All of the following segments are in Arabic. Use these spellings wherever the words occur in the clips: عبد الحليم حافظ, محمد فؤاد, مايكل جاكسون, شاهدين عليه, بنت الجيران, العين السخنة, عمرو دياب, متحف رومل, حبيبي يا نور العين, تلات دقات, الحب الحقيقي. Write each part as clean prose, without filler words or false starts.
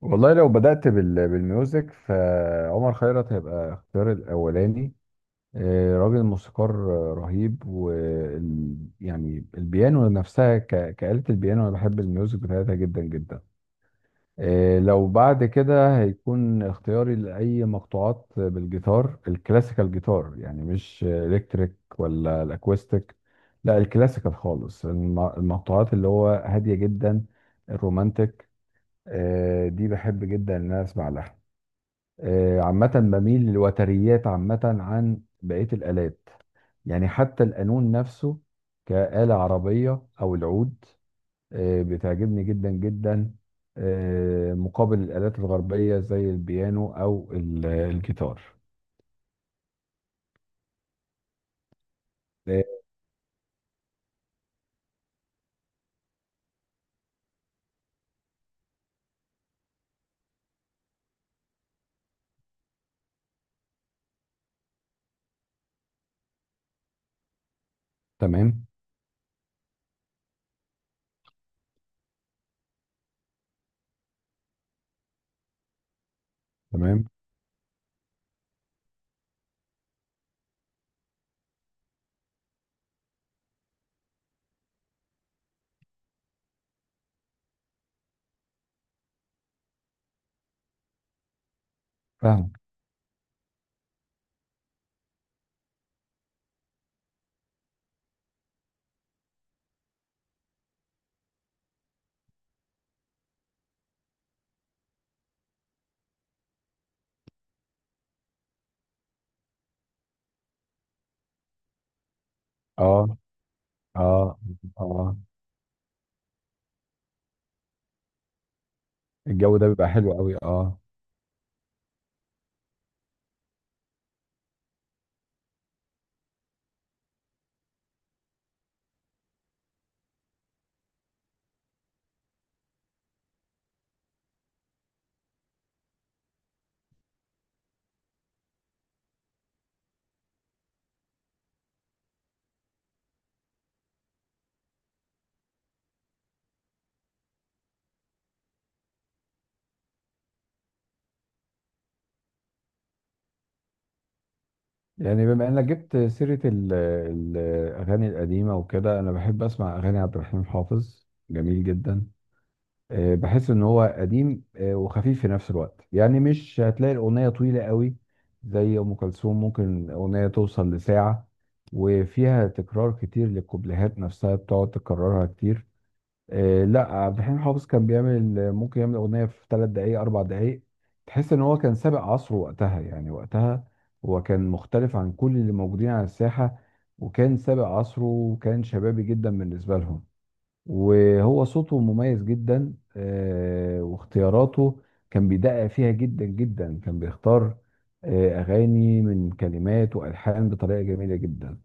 والله لو بدأت بالميوزك فعمر خيرت هيبقى اختيار الأولاني. راجل موسيقار رهيب يعني البيانو نفسها كآلة البيانو، أنا بحب الميوزك بتاعتها جدا جدا. لو بعد كده هيكون اختياري لأي مقطوعات بالجيتار الكلاسيكال، جيتار يعني مش إلكتريك ولا الأكوستيك. لا الكلاسيكال خالص، المقطوعات اللي هو هادية جدا، الرومانتك. دي بحب جدا ان انا اسمع لها. عامة بميل للوتريات عامة عن بقية الآلات. يعني حتى القانون نفسه كآلة عربية، أو العود بتعجبني جدا جدا مقابل الآلات الغربية زي البيانو أو الجيتار. آه، تمام. تمام. فاهم. اه. اه. اه. الجو ده بيبقى حلو قوي، اه. يعني بما انك جبت سيرة الأغاني القديمة وكده، أنا بحب أسمع أغاني عبد الحليم حافظ، جميل جدا. بحس ان هو قديم وخفيف في نفس الوقت، يعني مش هتلاقي الاغنيه طويله قوي زي ام كلثوم، ممكن اغنيه توصل لساعه، وفيها تكرار كتير للكوبليهات نفسها بتقعد تكررها كتير. لا عبد الحليم حافظ كان بيعمل ممكن يعمل اغنيه في 3 دقائق، 4 دقائق. تحس ان هو كان سابق عصره وقتها، يعني وقتها هو كان مختلف عن كل اللي موجودين على الساحه، وكان سابق عصره وكان شبابي جدا بالنسبه لهم. وهو صوته مميز جدا واختياراته كان بيدقق فيها جدا جدا، كان بيختار أغاني من كلمات وألحان بطريقة جميلة جدا.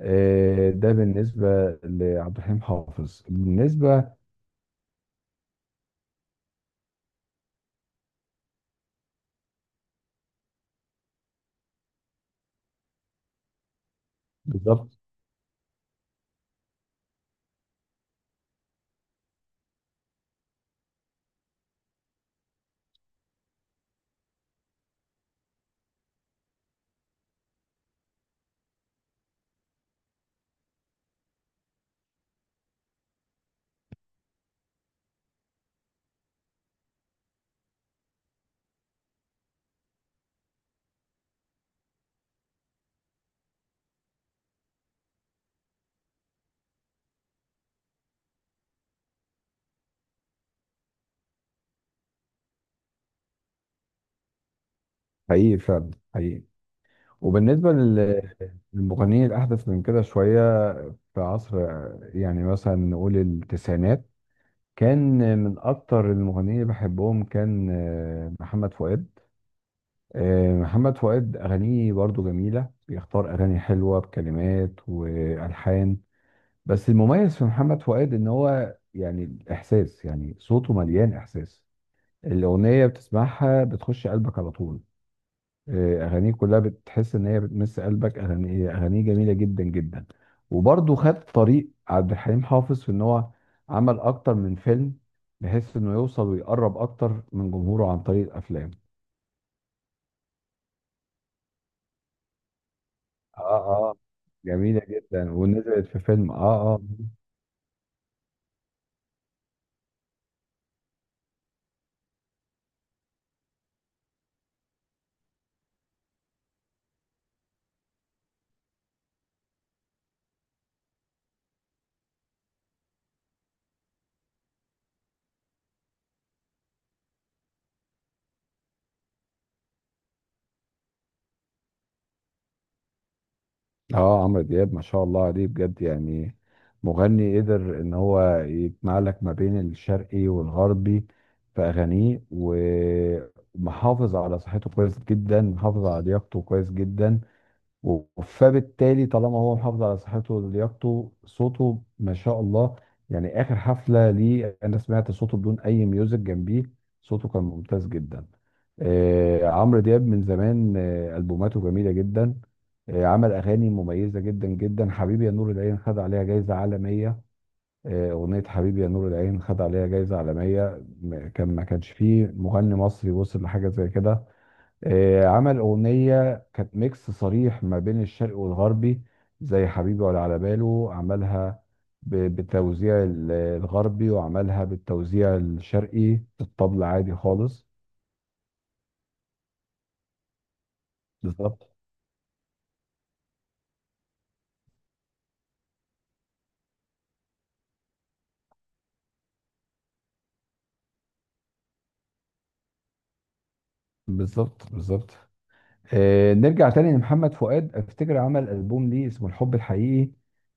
ده بالنسبة لعبد الحليم حافظ. بالنسبة... بالظبط. حقيقي فعلا، حقيقي. وبالنسبة للمغنيين الأحدث من كده شوية، في عصر يعني مثلا نقول التسعينات، كان من أكتر المغنيين اللي بحبهم كان محمد فؤاد. محمد فؤاد أغانيه برضو جميلة، بيختار أغاني حلوة بكلمات وألحان، بس المميز في محمد فؤاد إن هو يعني الإحساس، يعني صوته مليان إحساس، الأغنية بتسمعها بتخش قلبك على طول. أغانيه كلها بتحس إن هي بتمس قلبك، أغاني أغانيه جميلة جدا جدا. وبرضو خد طريق عبد الحليم حافظ في إن هو عمل أكتر من فيلم بحيث إنه يوصل ويقرب أكتر من جمهوره عن طريق الأفلام. اه. اه. جميلة جدا، ونزلت في فيلم. اه. اه. اه، عمرو دياب ما شاء الله عليه بجد، يعني مغني قدر ان هو يجمع لك ما بين الشرقي والغربي في اغانيه ومحافظ على صحته كويس جدا، محافظ على لياقته كويس جدا، فبالتالي طالما هو محافظ على صحته ولياقته صوته ما شاء الله. يعني اخر حفله ليه انا سمعت صوته بدون اي ميوزك جنبيه، صوته كان ممتاز جدا. عمرو دياب من زمان البوماته جميله جدا. عمل اغاني مميزه جدا جدا، حبيبي يا نور العين خد عليها جايزه عالميه. اغنيه حبيبي يا نور العين خد عليها جايزه عالميه. كان ما كانش فيه مغني مصري وصل لحاجه زي كده. عمل أغنية كانت ميكس صريح ما بين الشرقي والغربي، زي حبيبي ولا على باله، عملها بالتوزيع الغربي وعملها بالتوزيع الشرقي الطبل عادي خالص. بالظبط. بالظبط. بالظبط. نرجع تاني لمحمد فؤاد، افتكر عمل ألبوم ليه اسمه الحب الحقيقي،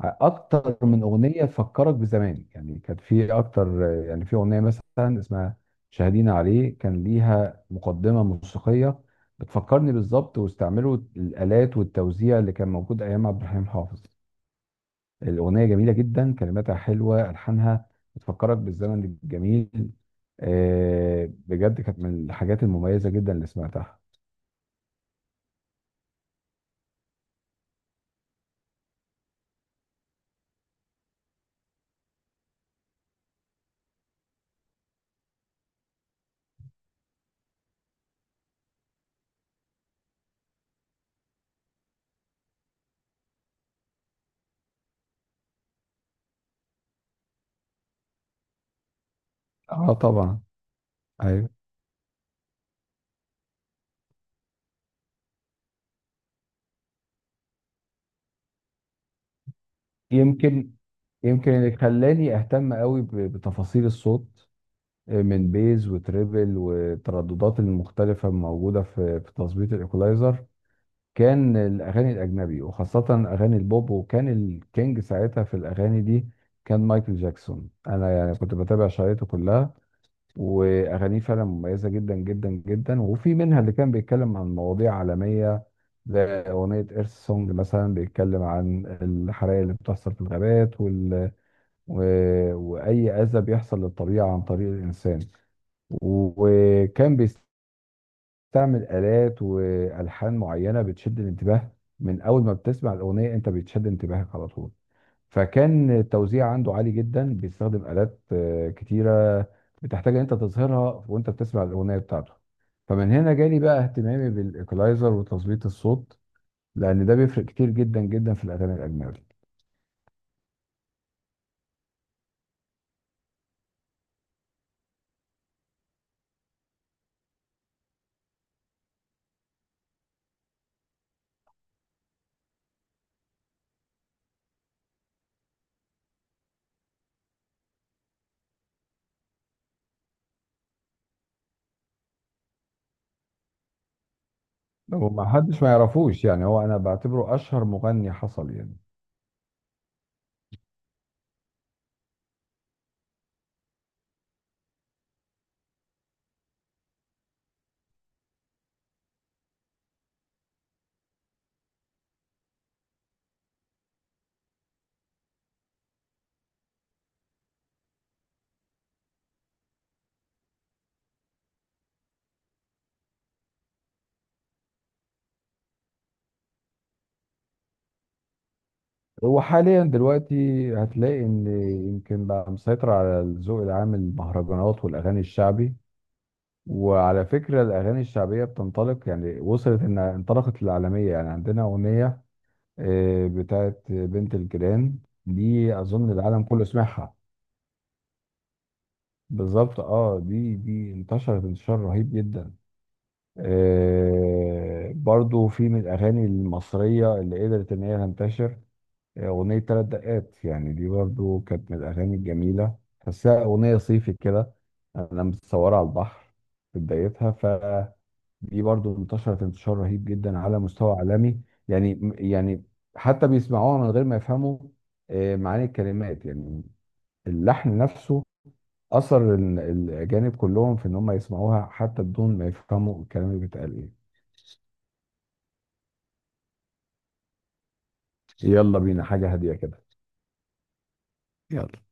اكتر من اغنيه تفكرك بزمان، يعني كانت في اكتر، يعني في اغنيه مثلا اسمها شاهدين عليه، كان ليها مقدمه موسيقيه بتفكرني بالظبط، واستعملوا الالات والتوزيع اللي كان موجود ايام عبد الحليم حافظ. الاغنيه جميله جدا، كلماتها حلوه، الحانها بتفكرك بالزمن الجميل. بجد كانت من الحاجات المميزه جدا اللي سمعتها. اه طبعا. ايوه. يمكن يمكن اللي خلاني اهتم قوي بتفاصيل الصوت من بيز وتريبل والترددات المختلفه الموجوده في تظبيط الايكولايزر، كان الاغاني الاجنبي وخاصه اغاني البوب، وكان الكينج ساعتها في الاغاني دي كان مايكل جاكسون. انا يعني كنت بتابع شرايطه كلها، واغانيه فعلا مميزه جدا جدا جدا، وفي منها اللي كان بيتكلم عن مواضيع عالميه زي اغنيه ايرث سونج مثلا، بيتكلم عن الحرائق اللي بتحصل في الغابات وأي أذى بيحصل للطبيعة عن طريق الإنسان. وكان بيستعمل آلات وألحان معينة بتشد الانتباه، من أول ما بتسمع الأغنية أنت بتشد انتباهك على طول. فكان التوزيع عنده عالي جدا، بيستخدم آلات كتيرة بتحتاج أن أنت تظهرها وأنت بتسمع الأغنية بتاعته. فمن هنا جالي بقى اهتمامي بالإيكولايزر وتظبيط الصوت، لأن ده بيفرق كتير جدا جدا في الأغاني الأجنبي. وما حدش ما يعرفوش، يعني هو انا بعتبره اشهر مغني حصل يعني. هو حاليا دلوقتي هتلاقي ان يمكن بقى مسيطر على الذوق العام المهرجانات والاغاني الشعبي، وعلى فكره الاغاني الشعبيه بتنطلق، يعني وصلت ان انطلقت للعالميه، يعني عندنا اغنيه بتاعت بنت الجيران، دي اظن العالم كله سمعها. بالظبط. اه، دي انتشرت انتشار رهيب جدا. برضو في من الاغاني المصريه اللي قدرت ان هي تنتشر، أغنية 3 دقات، يعني دي برضو كانت من الأغاني الجميلة، تحسها أغنية صيفي كده، أنا متصورة على البحر في بدايتها، فدي برضو انتشرت انتشار رهيب جدا على مستوى عالمي. يعني حتى بيسمعوها من غير ما يفهموا معاني الكلمات، يعني اللحن نفسه أثر الأجانب كلهم في إن هم يسمعوها حتى بدون ما يفهموا الكلام اللي بيتقال إيه. يلا بينا حاجة هادية كده. يلا.